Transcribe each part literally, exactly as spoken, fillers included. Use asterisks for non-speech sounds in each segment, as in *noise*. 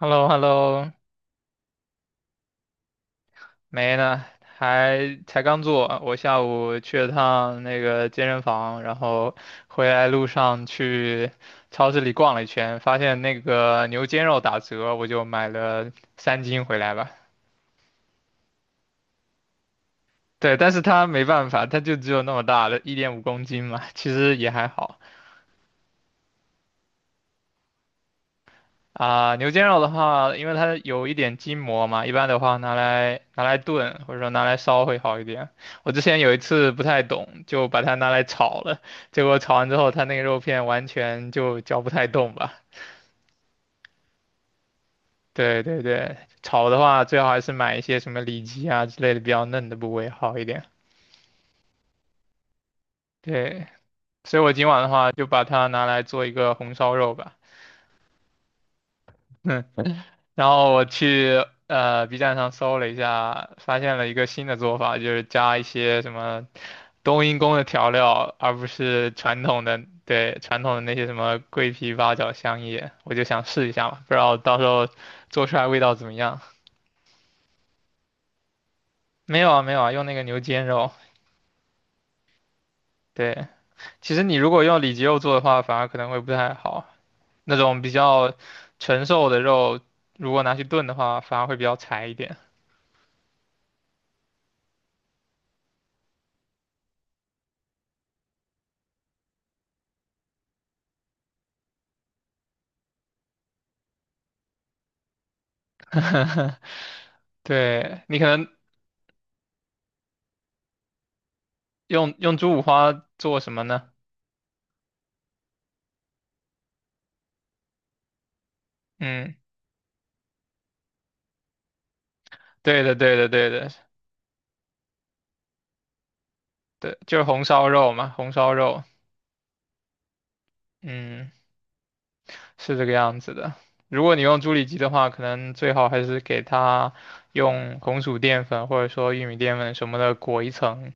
h e l l o h e l l o 没呢，还才刚做。我下午去了趟那个健身房，然后回来路上去超市里逛了一圈，发现那个牛肩肉打折，我就买了三斤回来吧。对，但是它没办法，它就只有那么大的，一点五公斤嘛，其实也还好。啊，牛肩肉的话，因为它有一点筋膜嘛，一般的话拿来拿来炖，或者说拿来烧会好一点。我之前有一次不太懂，就把它拿来炒了，结果炒完之后，它那个肉片完全就嚼不太动吧。对对对，炒的话最好还是买一些什么里脊啊之类的比较嫩的部位好一点。对，所以我今晚的话就把它拿来做一个红烧肉吧。*laughs* 然后我去呃 B 站上搜了一下，发现了一个新的做法，就是加一些什么冬阴功的调料，而不是传统的，对，传统的那些什么桂皮、八角、香叶，我就想试一下嘛，不知道到时候做出来味道怎么样。没有啊，没有啊，用那个牛肩肉。对，其实你如果用里脊肉做的话，反而可能会不太好。那种比较纯瘦的肉，如果拿去炖的话，反而会比较柴一点。*laughs* 对，你可能用用猪五花做什么呢？嗯，对的，对的，对的，对，就是红烧肉嘛，红烧肉，嗯，是这个样子的。如果你用猪里脊的话，可能最好还是给它用红薯淀粉或者说玉米淀粉什么的裹一层，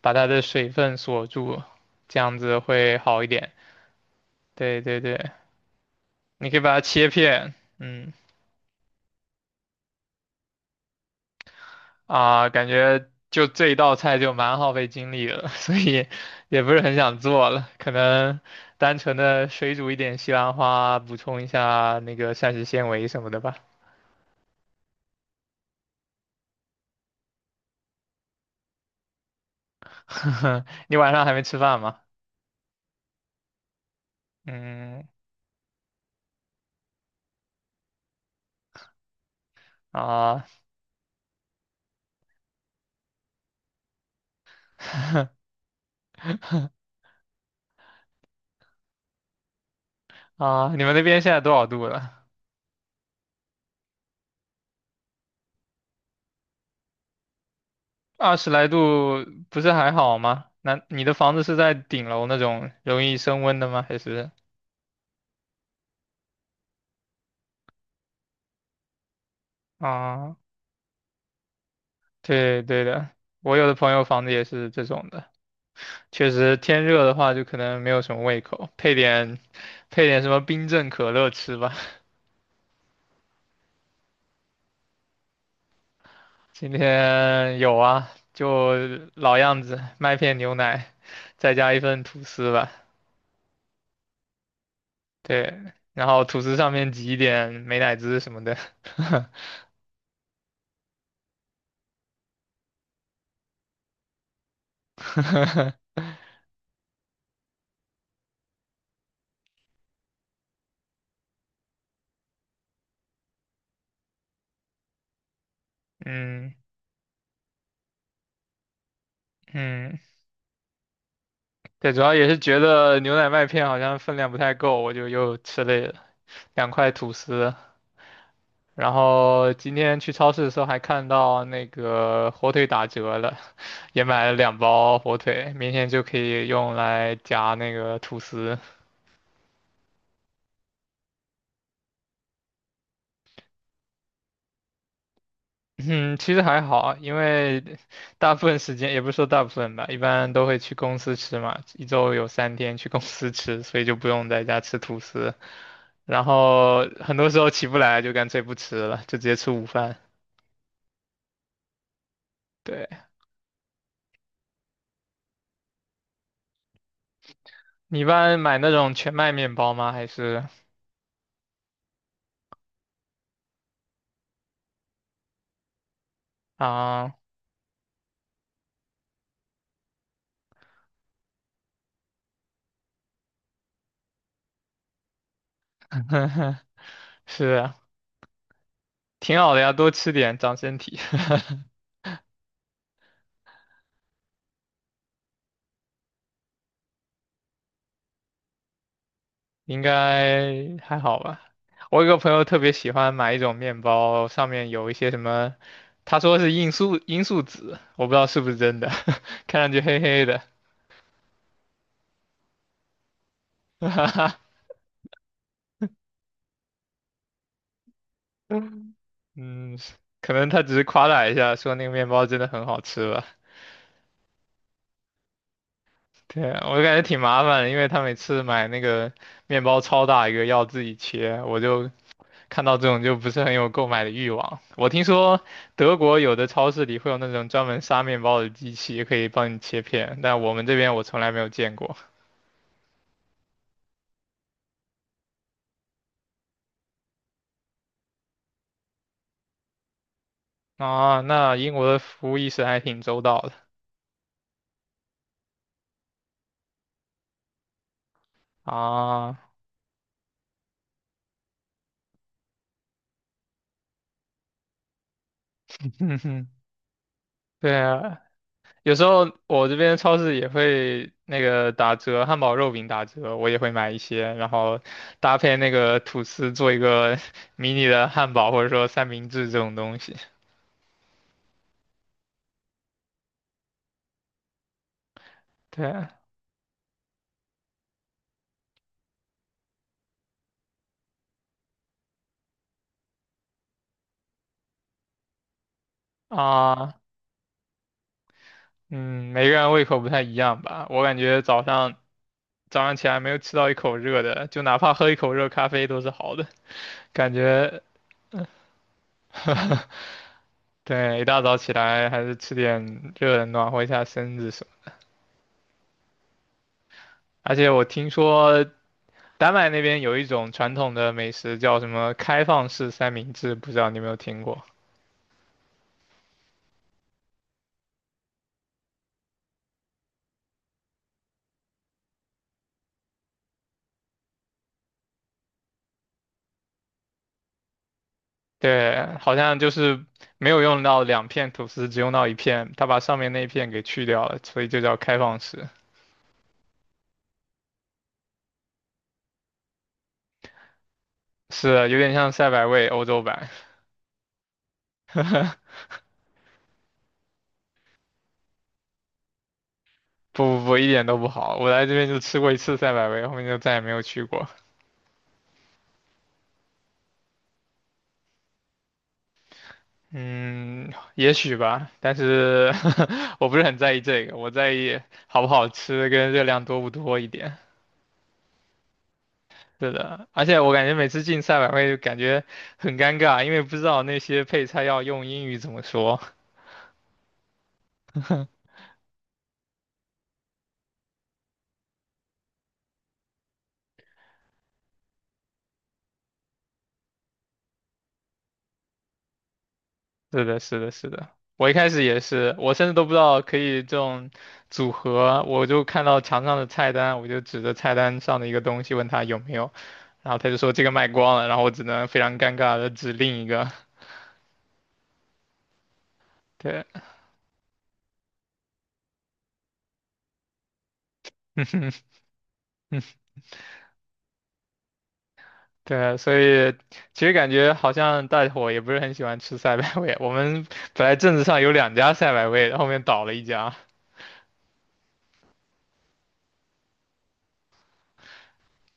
把它的水分锁住，这样子会好一点。对对对，你可以把它切片，嗯，啊，感觉就这一道菜就蛮耗费精力了，*laughs* 所以也不是很想做了。可能单纯的水煮一点西兰花，补充一下那个膳食纤维什么的吧。*laughs* 你晚上还没吃饭吗？嗯啊 *laughs* 啊，你们那边现在多少度了？二十来度不是还好吗？那你的房子是在顶楼那种容易升温的吗？还是啊？对对的，我有的朋友房子也是这种的。确实天热的话就可能没有什么胃口，配点配点什么冰镇可乐吃吧。*laughs* 今天有啊，就老样子，麦片牛奶，再加一份吐司吧。对，然后吐司上面挤一点美乃滋什么的。*laughs* 嗯嗯，对，主要也是觉得牛奶麦片好像分量不太够，我就又吃了两块吐司。然后今天去超市的时候还看到那个火腿打折了，*laughs* 也买了两包火腿，明天就可以用来夹那个吐司。嗯，其实还好，因为大部分时间也不是说大部分吧，一般都会去公司吃嘛，一周有三天去公司吃，所以就不用在家吃吐司。然后很多时候起不来就干脆不吃了，就直接吃午饭。对，你一般买那种全麦面包吗？还是啊，*laughs* 是。挺好的呀，多吃点长身体，*laughs* 应该还好吧。我有个朋友特别喜欢买一种面包，上面有一些什么，他说是罂粟罂粟籽，我不知道是不是真的，*laughs* 看上去黑黑的，*laughs* 嗯，可能他只是夸大一下，说那个面包真的很好吃吧。对啊，我就感觉挺麻烦的，因为他每次买那个面包超大一个，要自己切，我就看到这种就不是很有购买的欲望。我听说德国有的超市里会有那种专门杀面包的机器，可以帮你切片，但我们这边我从来没有见过。啊，那英国的服务意识还挺周到的啊。*laughs* 哼哼，对啊，有时候我这边超市也会那个打折，汉堡肉饼打折，我也会买一些，然后搭配那个吐司做一个 *laughs* 迷你的汉堡或者说三明治这种东西。对啊。啊嗯，每个人胃口不太一样吧。我感觉早上早上起来没有吃到一口热的，就哪怕喝一口热咖啡都是好的。感觉，*laughs* 对，一大早起来还是吃点热的暖和一下身子什么。而且我听说丹麦那边有一种传统的美食叫什么开放式三明治，不知道你有没有听过？对，好像就是没有用到两片吐司，只用到一片，他把上面那一片给去掉了，所以就叫开放式。是，有点像赛百味欧洲版。不不不，一点都不好。我来这边就吃过一次赛百味，后面就再也没有去过。嗯，也许吧，但是 *laughs* 我不是很在意这个，我在意好不好吃跟热量多不多一点。是的，而且我感觉每次进赛百味就感觉很尴尬，因为不知道那些配菜要用英语怎么说。是的，是的，是的。我一开始也是，我甚至都不知道可以这种组合，我就看到墙上的菜单，我就指着菜单上的一个东西问他有没有，然后他就说这个卖光了，然后我只能非常尴尬的指另一个。对，*laughs* 嗯哼嗯对，所以其实感觉好像大伙也不是很喜欢吃赛百味。我们本来镇子上有两家赛百味，后面倒了一家。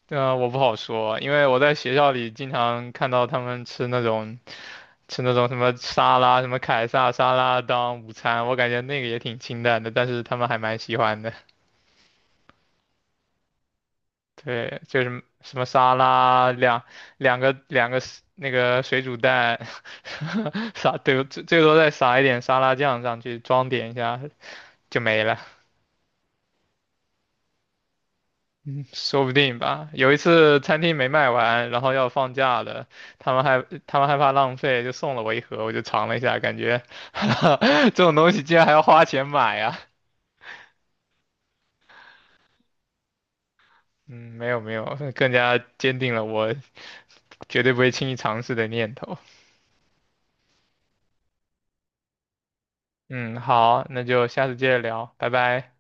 呃，我不好说，因为我在学校里经常看到他们吃那种。吃那种什么沙拉、什么凯撒沙拉当午餐，我感觉那个也挺清淡的，但是他们还蛮喜欢的。对，就是什么沙拉两两个两个 s- 那个水煮蛋，*laughs* 撒对最最多再撒一点沙拉酱上去，装点一下就没了，说不定吧。有一次餐厅没卖完，然后要放假了，他们还他们害怕浪费，就送了我一盒，我就尝了一下，感觉 *laughs* 这种东西竟然还要花钱买啊。嗯，没有没有，更加坚定了我绝对不会轻易尝试的念头。嗯，好，那就下次接着聊，拜拜。